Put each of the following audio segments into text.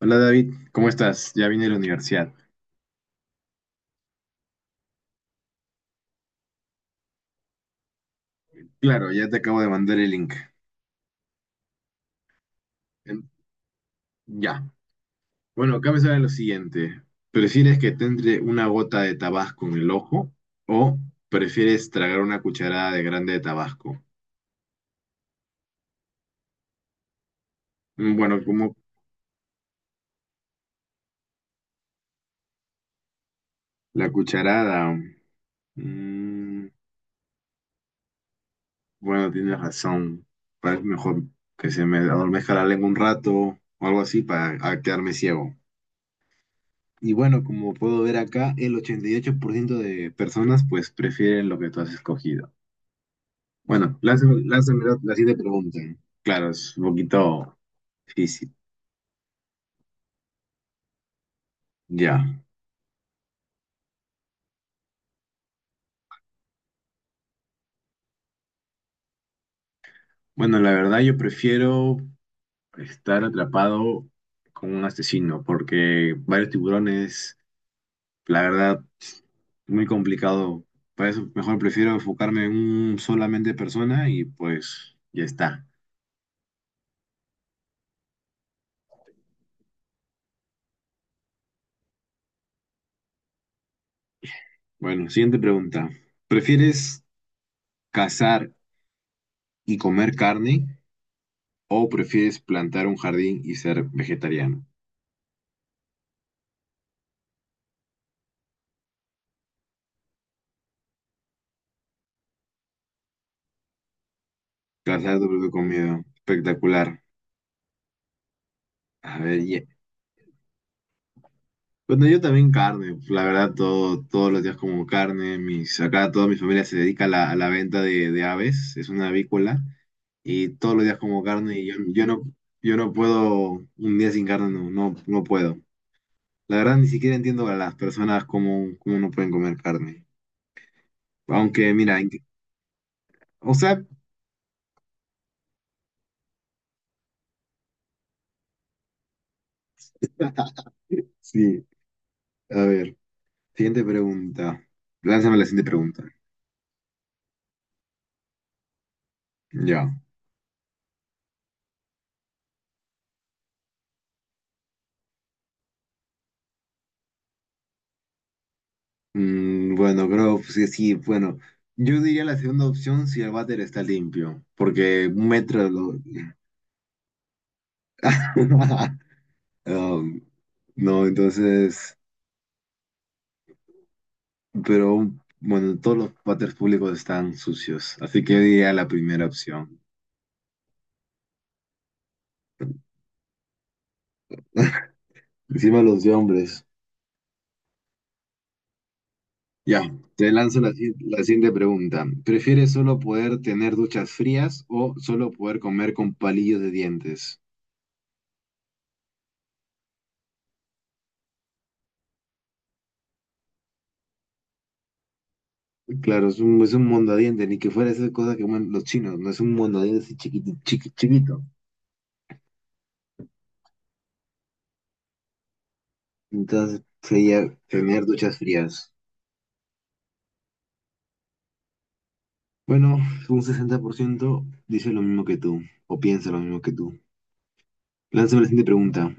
Hola David, ¿cómo estás? Ya vine a la universidad. Claro, ya te acabo de mandar el link. Em, Ya. Bueno, acá me sale lo siguiente. ¿Prefieres que te entre una gota de tabasco en el ojo o prefieres tragar una cucharada de grande de tabasco? Bueno, como la cucharada. mm, bueno, tienes razón. Parece mejor que se me adormezca la lengua un rato o algo así para a quedarme ciego. Y bueno, como puedo ver acá, el 88% de personas pues prefieren lo que tú has escogido. Bueno, lánzame la siguiente pregunta. Claro, es un poquito difícil. Ya. Bueno, la verdad yo prefiero estar atrapado con un asesino porque varios tiburones, la verdad, muy complicado. Para eso mejor prefiero enfocarme en un solamente persona y pues ya está. Bueno, siguiente pregunta. ¿Prefieres cazar y comer carne o prefieres plantar un jardín y ser vegetariano? Gracias por tu propia comida. Espectacular. A ver, bueno, yo también carne. La verdad, todos los días como carne. Mis, acá toda mi familia se dedica a a la venta de aves. Es una avícola. Y todos los días como carne. Yo no puedo, un día sin carne no puedo. La verdad, ni siquiera entiendo a las personas cómo no pueden comer carne. Aunque, mira, o sea, sí, a ver. Siguiente pregunta. Lánzame la siguiente pregunta. Ya. Bueno, creo que sí, bueno. Yo diría la segunda opción si el váter está limpio, porque un metro lo... Um, no, entonces, pero bueno, todos los váteres públicos están sucios, así que yo diría la primera opción. Encima los de hombres. Ya, te lanzo la siguiente pregunta. ¿Prefieres solo poder tener duchas frías o solo poder comer con palillos de dientes? Claro, es es un mondadiente, ni que fuera esa cosa que comen los chinos, no es un mondadiente así chiquito. Entonces sería tener duchas frías. Bueno, un 60% dice lo mismo que tú, o piensa lo mismo que tú. Lánzame la siguiente pregunta.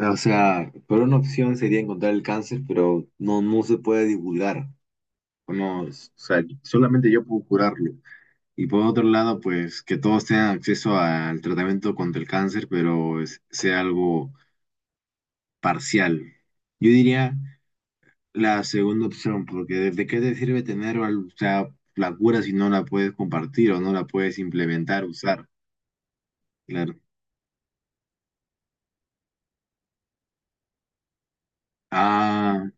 O sea, por una opción sería encontrar el cáncer, pero no se puede divulgar. O no, o sea, solamente yo puedo curarlo. Y por otro lado, pues que todos tengan acceso al tratamiento contra el cáncer, pero sea algo parcial. Yo diría la segunda opción, porque ¿de qué te sirve tener, o sea, la cura si no la puedes compartir o no la puedes implementar, usar? Claro. Ah,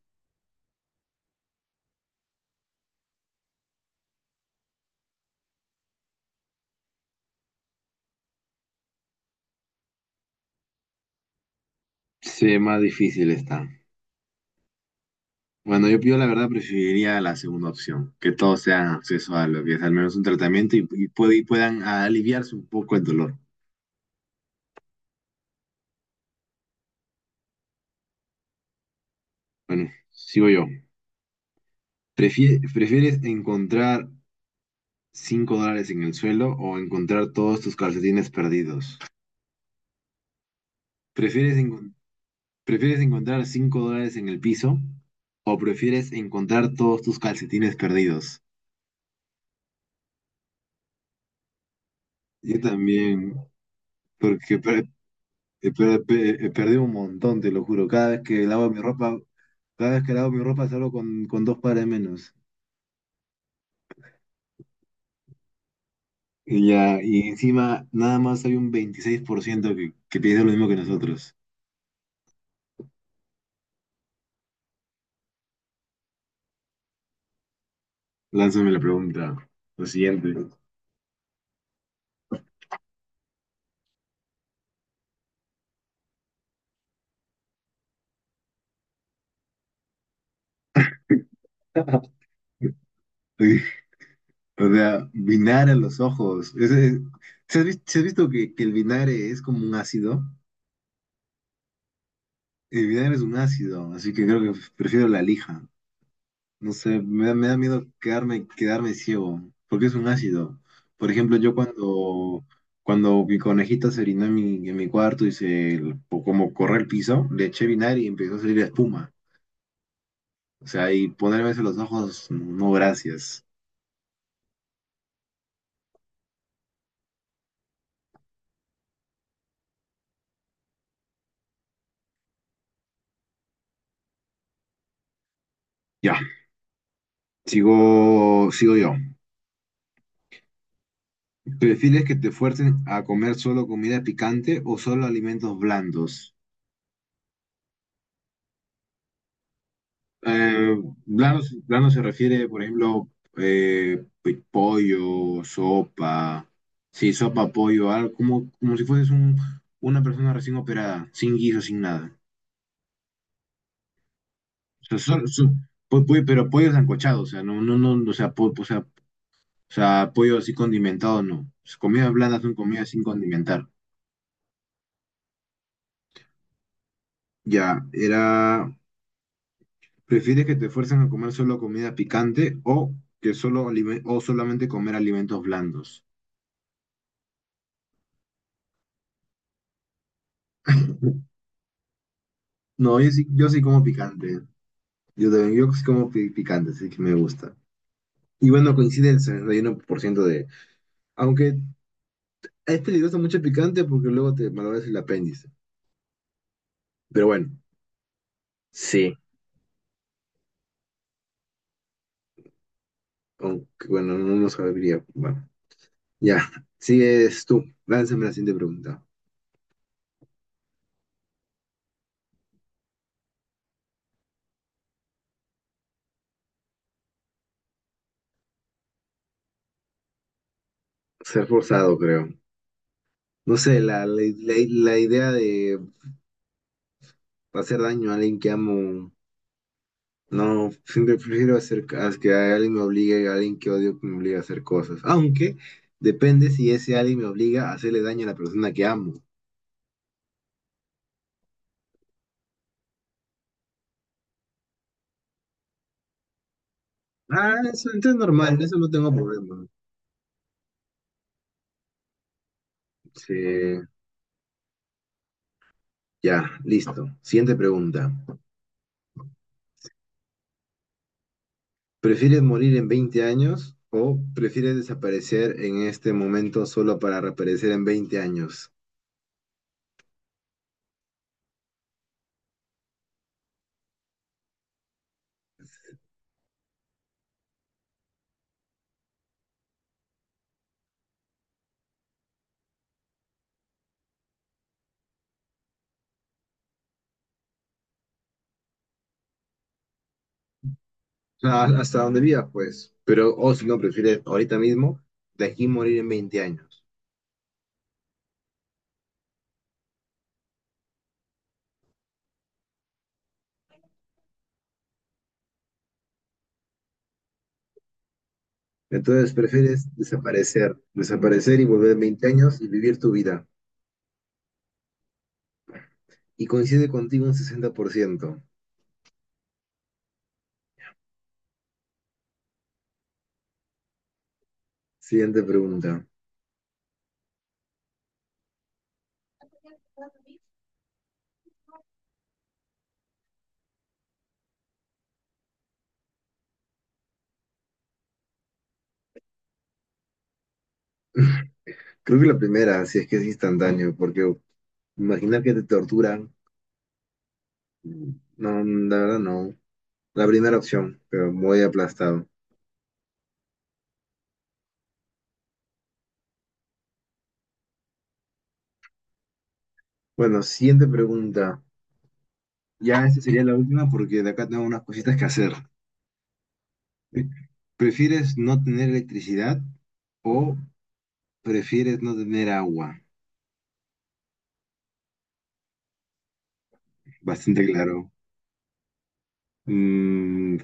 sí, más difícil está. Bueno, yo la verdad preferiría la segunda opción, que todos tengan acceso a lo que es al menos un tratamiento y y puedan aliviarse un poco el dolor. Bueno, sigo yo. ¿Prefieres encontrar $5 en el suelo o encontrar todos tus calcetines perdidos? ¿Prefieres encontrar ¿Prefieres encontrar 5 dólares en el piso o prefieres encontrar todos tus calcetines perdidos? Yo también, porque perdí un montón, te lo juro. Cada vez que lavo mi ropa, cada vez que lavo mi ropa salgo con dos pares menos. Y ya, y encima nada más hay un 26% que piensa lo mismo que nosotros. Lánzame la pregunta, lo siguiente. O sea, vinagre en los ojos. Se has visto que el vinagre es como un ácido? El video es un ácido, así que creo que prefiero la lija. No sé, me da miedo quedarme ciego, porque es un ácido. Por ejemplo, yo cuando mi conejita se orinó en mi cuarto y se, como corre el piso, le eché vinagre y empezó a salir espuma. O sea, y ponerme eso en los ojos, no gracias. Ya, sigo yo. ¿Prefieres que te fuercen a comer solo comida picante o solo alimentos blandos? Eh, blando se refiere, por ejemplo, pues, sí, sopa, pollo, algo como, como si fueses una persona recién operada, sin guiso, sin nada. O sea, pero pollo sancochado, o sea, no, o sea, o sea, o sea, pollo así condimentado, no. Las comidas blandas son comidas sin condimentar. Ya, era, ¿prefieres que te fuercen a comer solo comida picante o que solo o solamente comer alimentos blandos? No, yo sí como picante. Yo también, yo sí como picante, así que me gusta. Y bueno, coincide el 61% de... Aunque es peligroso mucho el picante porque luego te malogras el apéndice. Pero bueno, sí. Aunque bueno, no lo sabría. Bueno, ya. Sigues tú. Lánzame la siguiente pregunta. Ser forzado, creo. No sé, la idea de hacer daño a alguien que amo. No, siempre prefiero hacer a que alguien me obligue, a alguien que odio que me obligue a hacer cosas. Aunque depende si ese alguien me obliga a hacerle daño a la persona que amo. Ah, eso entonces es normal, eso no tengo problema. Sí, ya, listo. Siguiente pregunta. ¿Prefieres morir en 20 años o prefieres desaparecer en este momento solo para reaparecer en 20 años? Ah, hasta donde vivas, pues. Pero, o si no, prefieres ahorita mismo, de aquí morir en 20 años. Entonces prefieres desaparecer y volver 20 años y vivir tu vida. Y coincide contigo un 60%. Siguiente pregunta. Creo que la primera, si es que es instantáneo, porque imaginar que te torturan, no, la verdad no. La primera opción, pero muy aplastado. Bueno, siguiente pregunta. Ya esta sería la última porque de acá tengo unas cositas que hacer. ¿Prefieres no tener electricidad o prefieres no tener agua? Bastante claro. Mm,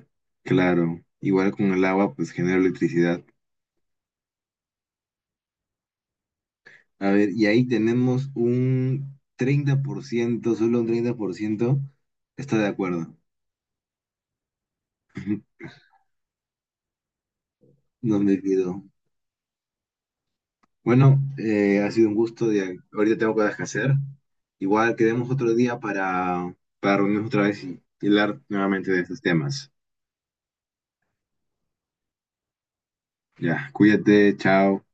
claro, igual con el agua, pues genera electricidad. A ver, y ahí tenemos un 30% solo un 30% está de acuerdo. No me olvido. Bueno, ha sido un gusto. De, ahorita tengo cosas que hacer. Igual quedemos otro día para reunirnos otra vez y hablar nuevamente de estos temas. Ya, cuídate, chao.